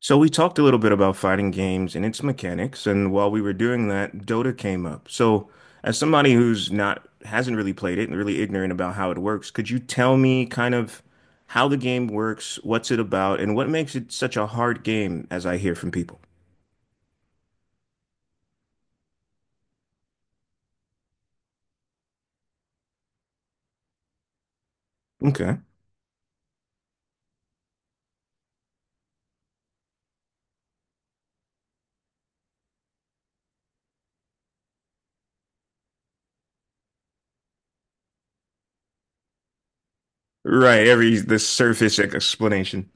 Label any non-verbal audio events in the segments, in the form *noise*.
So we talked a little bit about fighting games and its mechanics, and while we were doing that, Dota came up. So as somebody who's not hasn't really played it and really ignorant about how it works, could you tell me kind of how the game works, what's it about, and what makes it such a hard game as I hear from people? Okay. Right, every the surface explanation.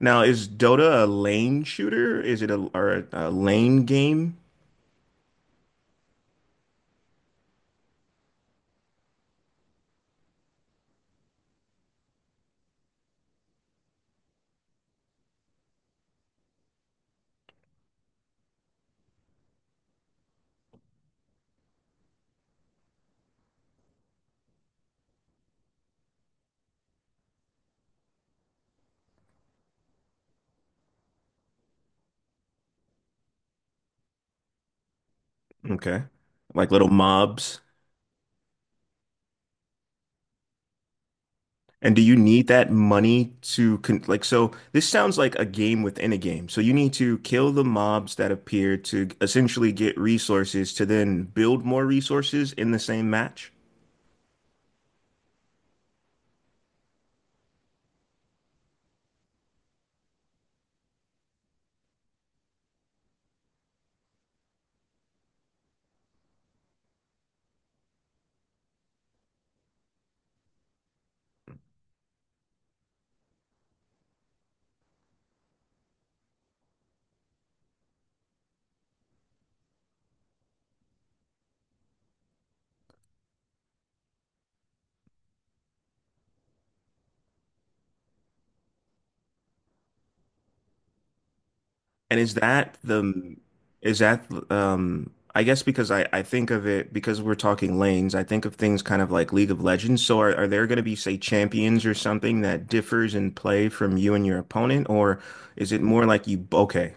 Now, is Dota a lane shooter? Is it a or a lane game? Okay. Like little mobs. And do you need that money to con like so this sounds like a game within a game. So you need to kill the mobs that appear to essentially get resources to then build more resources in the same match. And is that the is that I guess because I think of it because we're talking lanes, I think of things kind of like League of Legends. So are there going to be say champions or something that differs in play from you and your opponent, or is it more like you okay.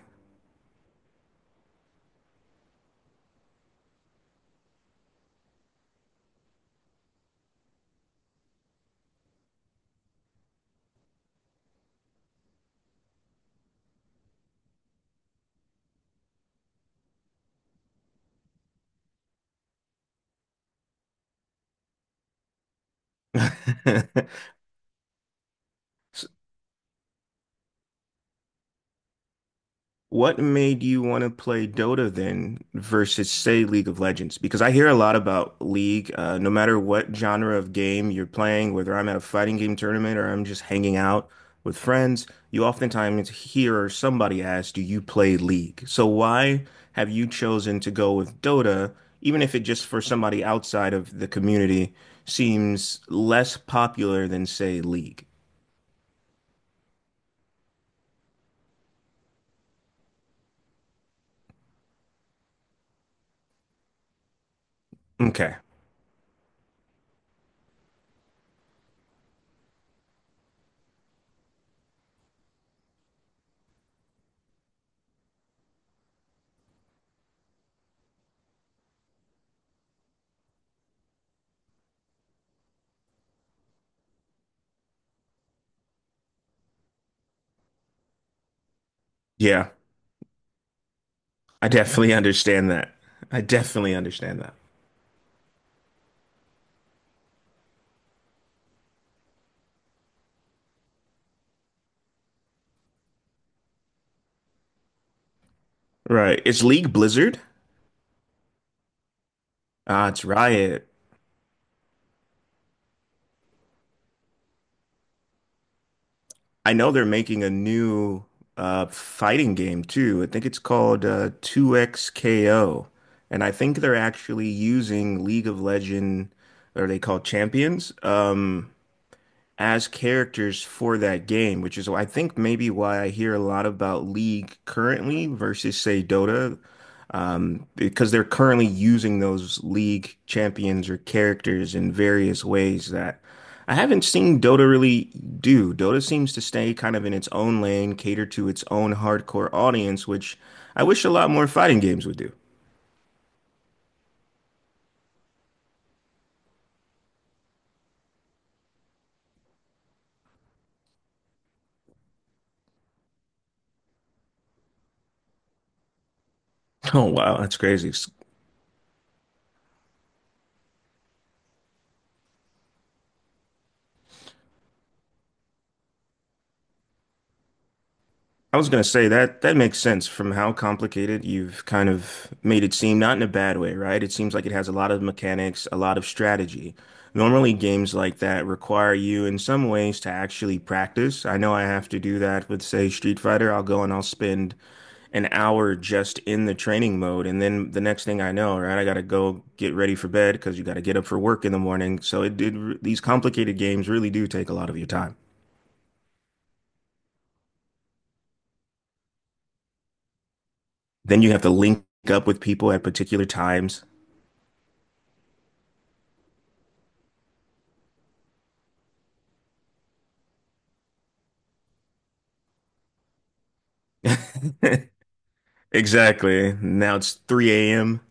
*laughs* What made you want to play Dota then versus, say, League of Legends? Because I hear a lot about League, no matter what genre of game you're playing, whether I'm at a fighting game tournament or I'm just hanging out with friends, you oftentimes hear somebody ask, do you play League? So why have you chosen to go with Dota, even if it just for somebody outside of the community seems less popular than, say, League? Okay. Yeah, I definitely *laughs* understand that. I definitely understand that. Right. It's League Blizzard. Ah, it's Riot. I know they're making a new fighting game too. I think it's called 2XKO. And I think they're actually using League of Legend, or they call champions, as characters for that game, which is I think maybe why I hear a lot about League currently versus say Dota, because they're currently using those league champions or characters in various ways that I haven't seen Dota really do. Dota seems to stay kind of in its own lane, cater to its own hardcore audience, which I wish a lot more fighting games would do. *laughs* Oh, wow, that's crazy. I was going to say that that makes sense from how complicated you've kind of made it seem, not in a bad way, right? It seems like it has a lot of mechanics, a lot of strategy. Normally, games like that require you in some ways to actually practice. I know I have to do that with, say, Street Fighter. I'll go and I'll spend an hour just in the training mode. And then the next thing I know, right, I got to go get ready for bed because you got to get up for work in the morning. So it did, these complicated games really do take a lot of your time. Then you have to link up with people at particular times. *laughs* Exactly. Now it's 3 a.m.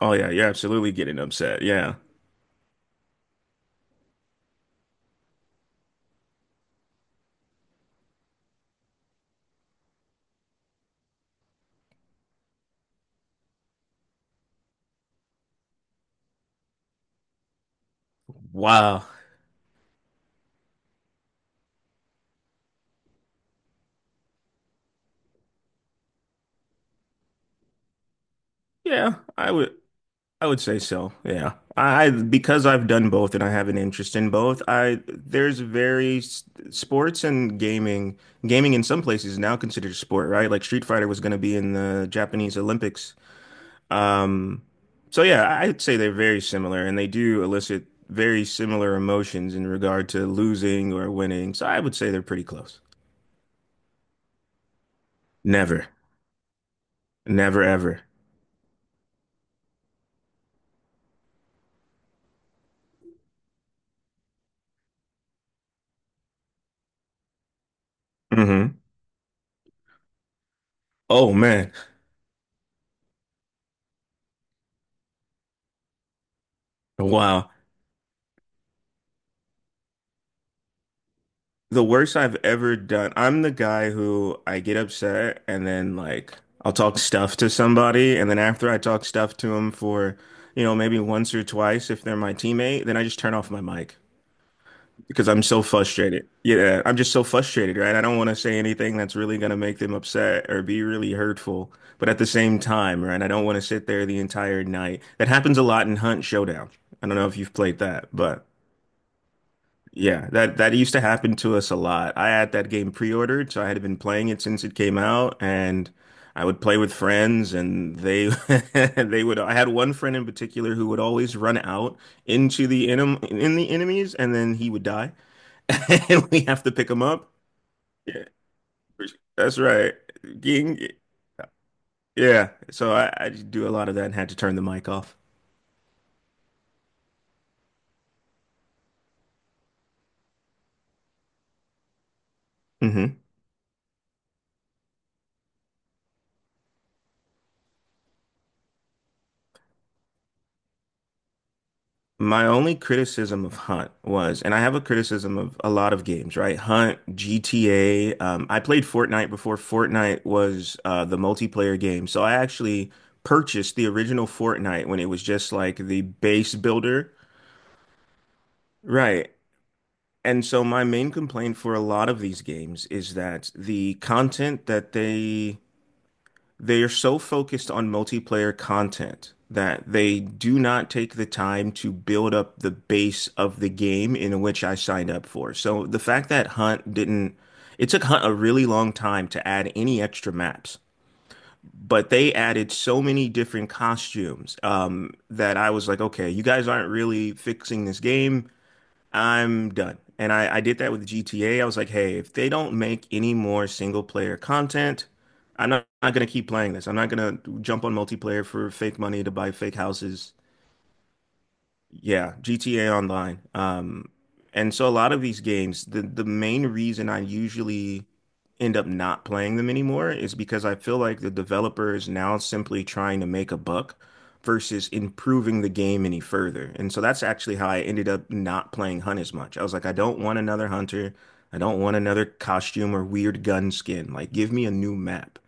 Oh yeah, you're absolutely getting upset. Yeah. Wow. Yeah, I would I would say so. Yeah. Because I've done both and I have an interest in both, I there's very s- sports and gaming. Gaming in some places is now considered a sport, right? Like Street Fighter was going to be in the Japanese Olympics. Um so yeah, I'd say they're very similar and they do elicit very similar emotions in regard to losing or winning. So I would say they're pretty close. Never. Never ever. hmm Oh man. Wow. The worst I've ever done. I'm the guy who I get upset and then I'll talk stuff to somebody and then after I talk stuff to them for, maybe once or twice if they're my teammate, then I just turn off my mic, because I'm so frustrated. Yeah, I'm just so frustrated, right? I don't want to say anything that's really going to make them upset or be really hurtful. But at the same time, right, I don't want to sit there the entire night. That happens a lot in Hunt Showdown. I don't know if you've played that, but yeah, that used to happen to us a lot. I had that game pre-ordered, so I had been playing it since it came out, and I would play with friends, and they *laughs* they would. I had one friend in particular who would always run out into the enem in the enemies, and then he would die. *laughs* And we have to pick them up. Yeah, that's right. Ging- Yeah. So I just do a lot of that and had to turn the mic off. hmm My only criticism of Hunt was, and I have a criticism of a lot of games, right? Hunt, GTA. I played Fortnite before Fortnite was the multiplayer game. So I actually purchased the original Fortnite when it was just like the base builder. Right. And so my main complaint for a lot of these games is that the content that they are so focused on multiplayer content that they do not take the time to build up the base of the game in which I signed up for. So the fact that Hunt didn't, it took Hunt a really long time to add any extra maps, but they added so many different costumes that I was like, okay, you guys aren't really fixing this game. I'm done. And I did that with GTA. I was like, hey, if they don't make any more single player content, I'm not gonna keep playing this. I'm not gonna jump on multiplayer for fake money to buy fake houses yeah, GTA Online. And so a lot of these games, the main reason I usually end up not playing them anymore is because I feel like the developer is now simply trying to make a buck versus improving the game any further. And so that's actually how I ended up not playing Hunt as much. I was like, I don't want another hunter. I don't want another costume or weird gun skin. Like, give me a new map.